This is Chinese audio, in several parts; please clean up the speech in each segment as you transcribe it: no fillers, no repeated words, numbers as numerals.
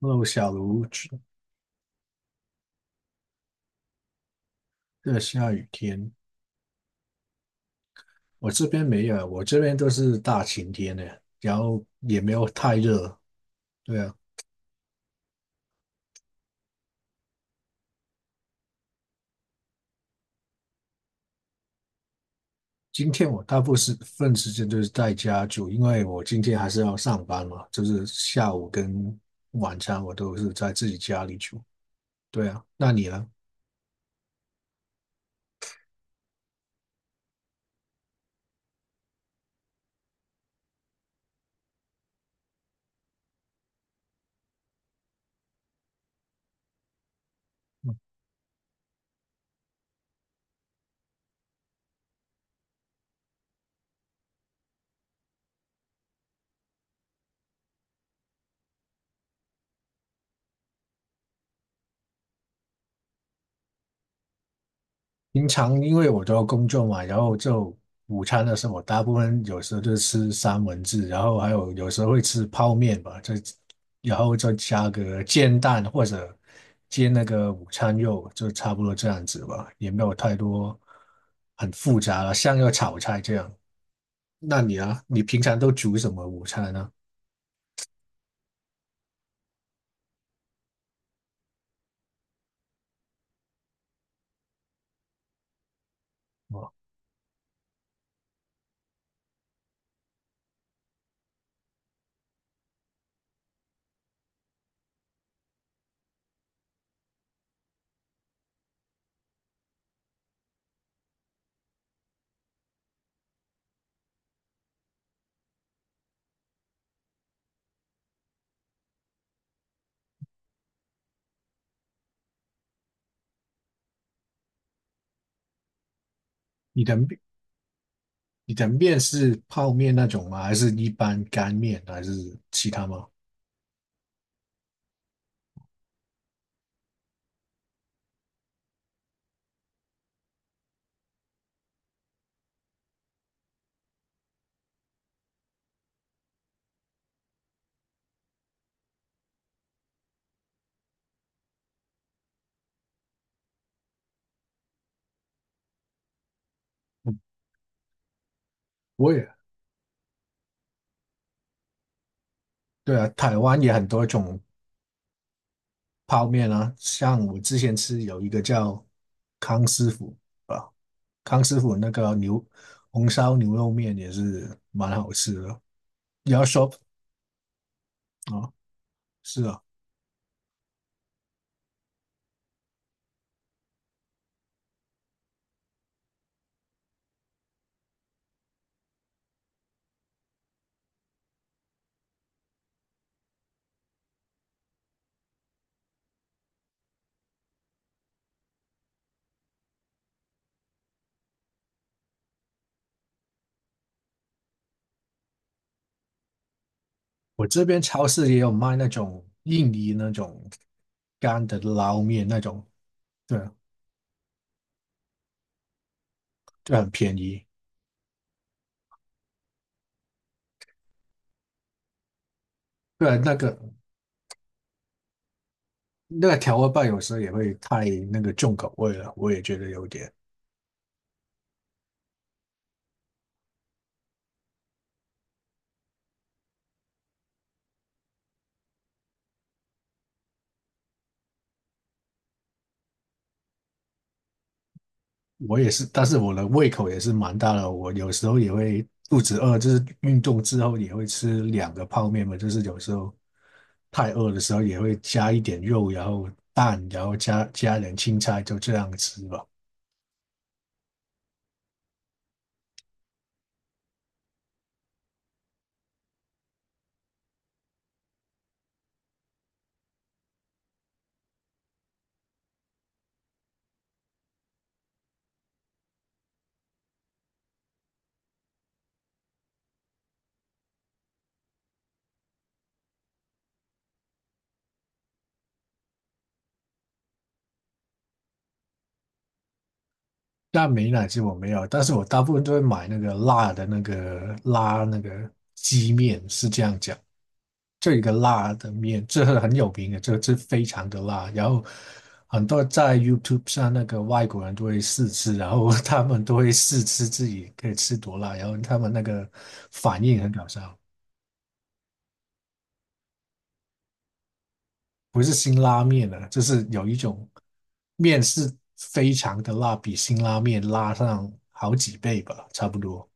Hello，小卢，这下雨天，我这边没有，我这边都是大晴天的，然后也没有太热。对啊，今天我大部分时间都是在家住，因为我今天还是要上班嘛，就是下午跟晚餐我都是在自己家里煮，对啊，那你呢？平常因为我都要工作嘛，然后就午餐的时候，我大部分有时候就吃三文治，然后还有时候会吃泡面吧，然后再加个煎蛋或者煎那个午餐肉，就差不多这样子吧，也没有太多很复杂了，像要炒菜这样。那你呢？你平常都煮什么午餐呢？哦，你的面你的面是泡面那种吗？还是一般干面，还是其他吗？我也对啊，台湾也很多种泡面啊，像我之前吃有一个叫康师傅啊，康师傅那个牛红烧牛肉面也是蛮好吃的。你要说啊，是啊，我这边超市也有卖那种印尼那种干的捞面那种，对啊，就很便宜。对啊，那个调味棒有时候也会太重口味了，我也觉得有点。我也是，但是我的胃口也是蛮大的，我有时候也会肚子饿，就是运动之后也会吃两个泡面嘛，就是有时候太饿的时候也会加一点肉，然后蛋，然后加点青菜，就这样吃吧。那美乃滋我没有，但是我大部分都会买那个辣的那个拉那个鸡面，是这样讲。这个辣的面，这个很有名的，这个是非常的辣。然后很多在 YouTube 上那个外国人都会试吃，然后他们都会试吃自己可以吃多辣，然后他们那个反应很搞笑，不是辛拉面的，就是有一种面是非常的辣，比辛拉面辣上好几倍吧，差不多。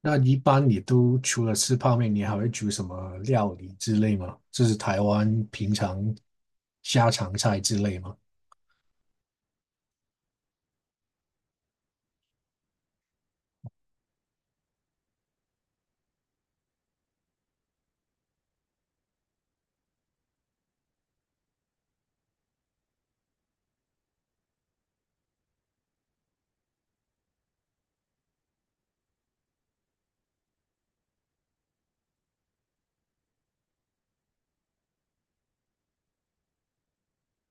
那一般你都除了吃泡面，你还会煮什么料理之类吗？就是台湾平常家常菜之类吗？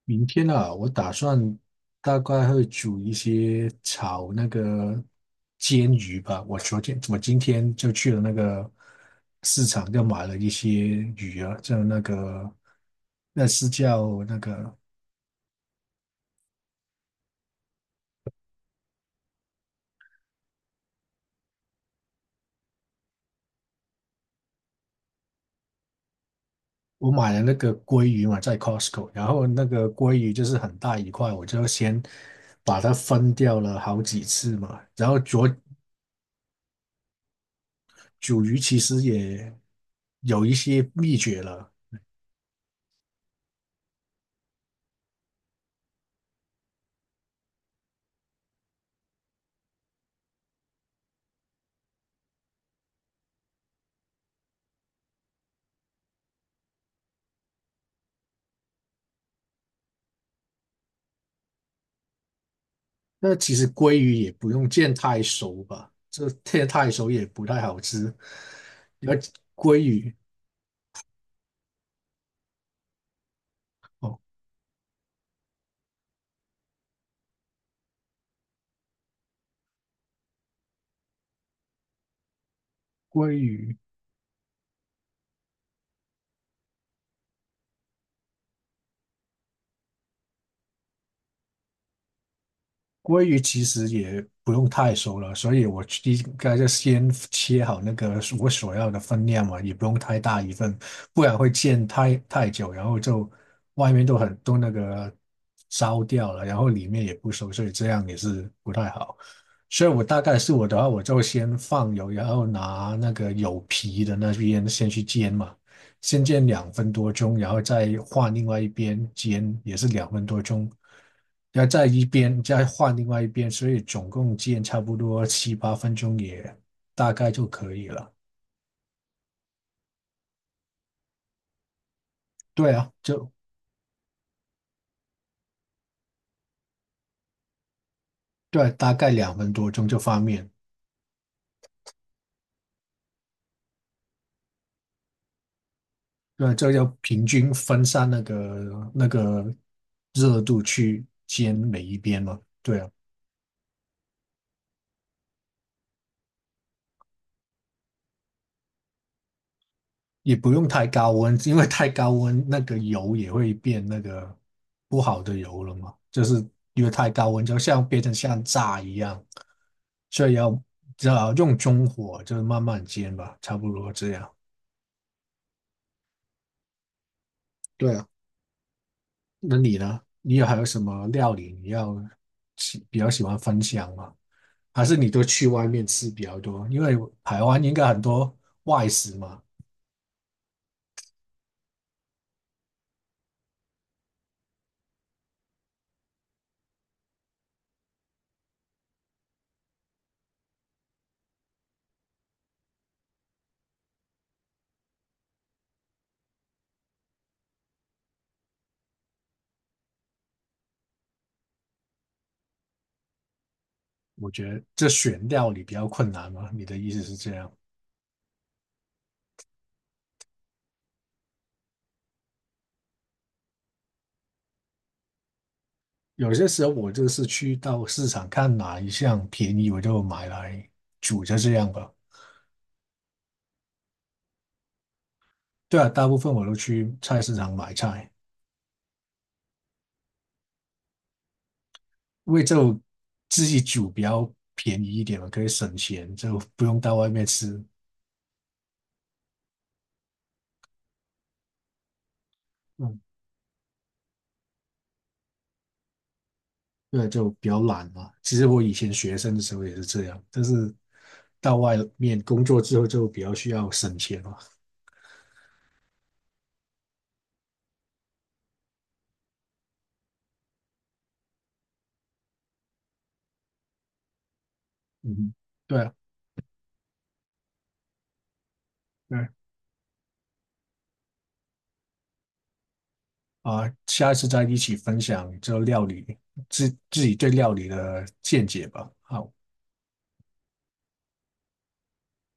明天啊，我打算大概会煮一些炒那个煎鱼吧。我今天就去了那个市场，就买了一些鱼啊，就那个那是叫那个我买了那个鲑鱼嘛，在 Costco，然后那个鲑鱼就是很大一块，我就先把它分掉了好几次嘛。煮鱼其实也有一些秘诀了，那其实鲑鱼也不用煎太熟吧，这煎太熟也不太好吃。要鲑鱼哦，鲑鱼鲑鱼其实也不用太熟了，所以我应该就先切好那个我所要的分量嘛，也不用太大一份，不然会煎太久，然后就外面都很多那个烧掉了，然后里面也不熟，所以这样也是不太好。所以我大概是我的话，我就先放油，然后拿那个有皮的那边先去煎嘛。先煎两分多钟，然后再换另外一边煎，也是两分多钟，然后再换另外一边，所以总共煎差不多七八分钟也大概就可以了。对啊，就对啊，大概两分多钟就翻面。对啊，这要平均分散那个热度去煎每一边嘛。对啊。也不用太高温，因为太高温那个油也会变那个不好的油了嘛，就是因为太高温就像变成像炸一样，所以只要用中火，就是慢慢煎吧，差不多这样。对啊，那你呢？你有还有什么料理你要比较喜欢分享吗？还是你都去外面吃比较多？因为台湾应该很多外食嘛，我觉得这选料理比较困难嘛，你的意思是这样？有些时候我就是去到市场看哪一项便宜，我就买来煮就这样吧。对啊，大部分我都去菜市场买菜，因为就自己煮比较便宜一点嘛，可以省钱，就不用到外面吃。嗯，对，就比较懒嘛。其实我以前学生的时候也是这样，但是到外面工作之后就比较需要省钱嘛。嗯，对啊，对啊。啊，下一次再一起分享这料理，自己对料理的见解吧。好，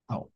好。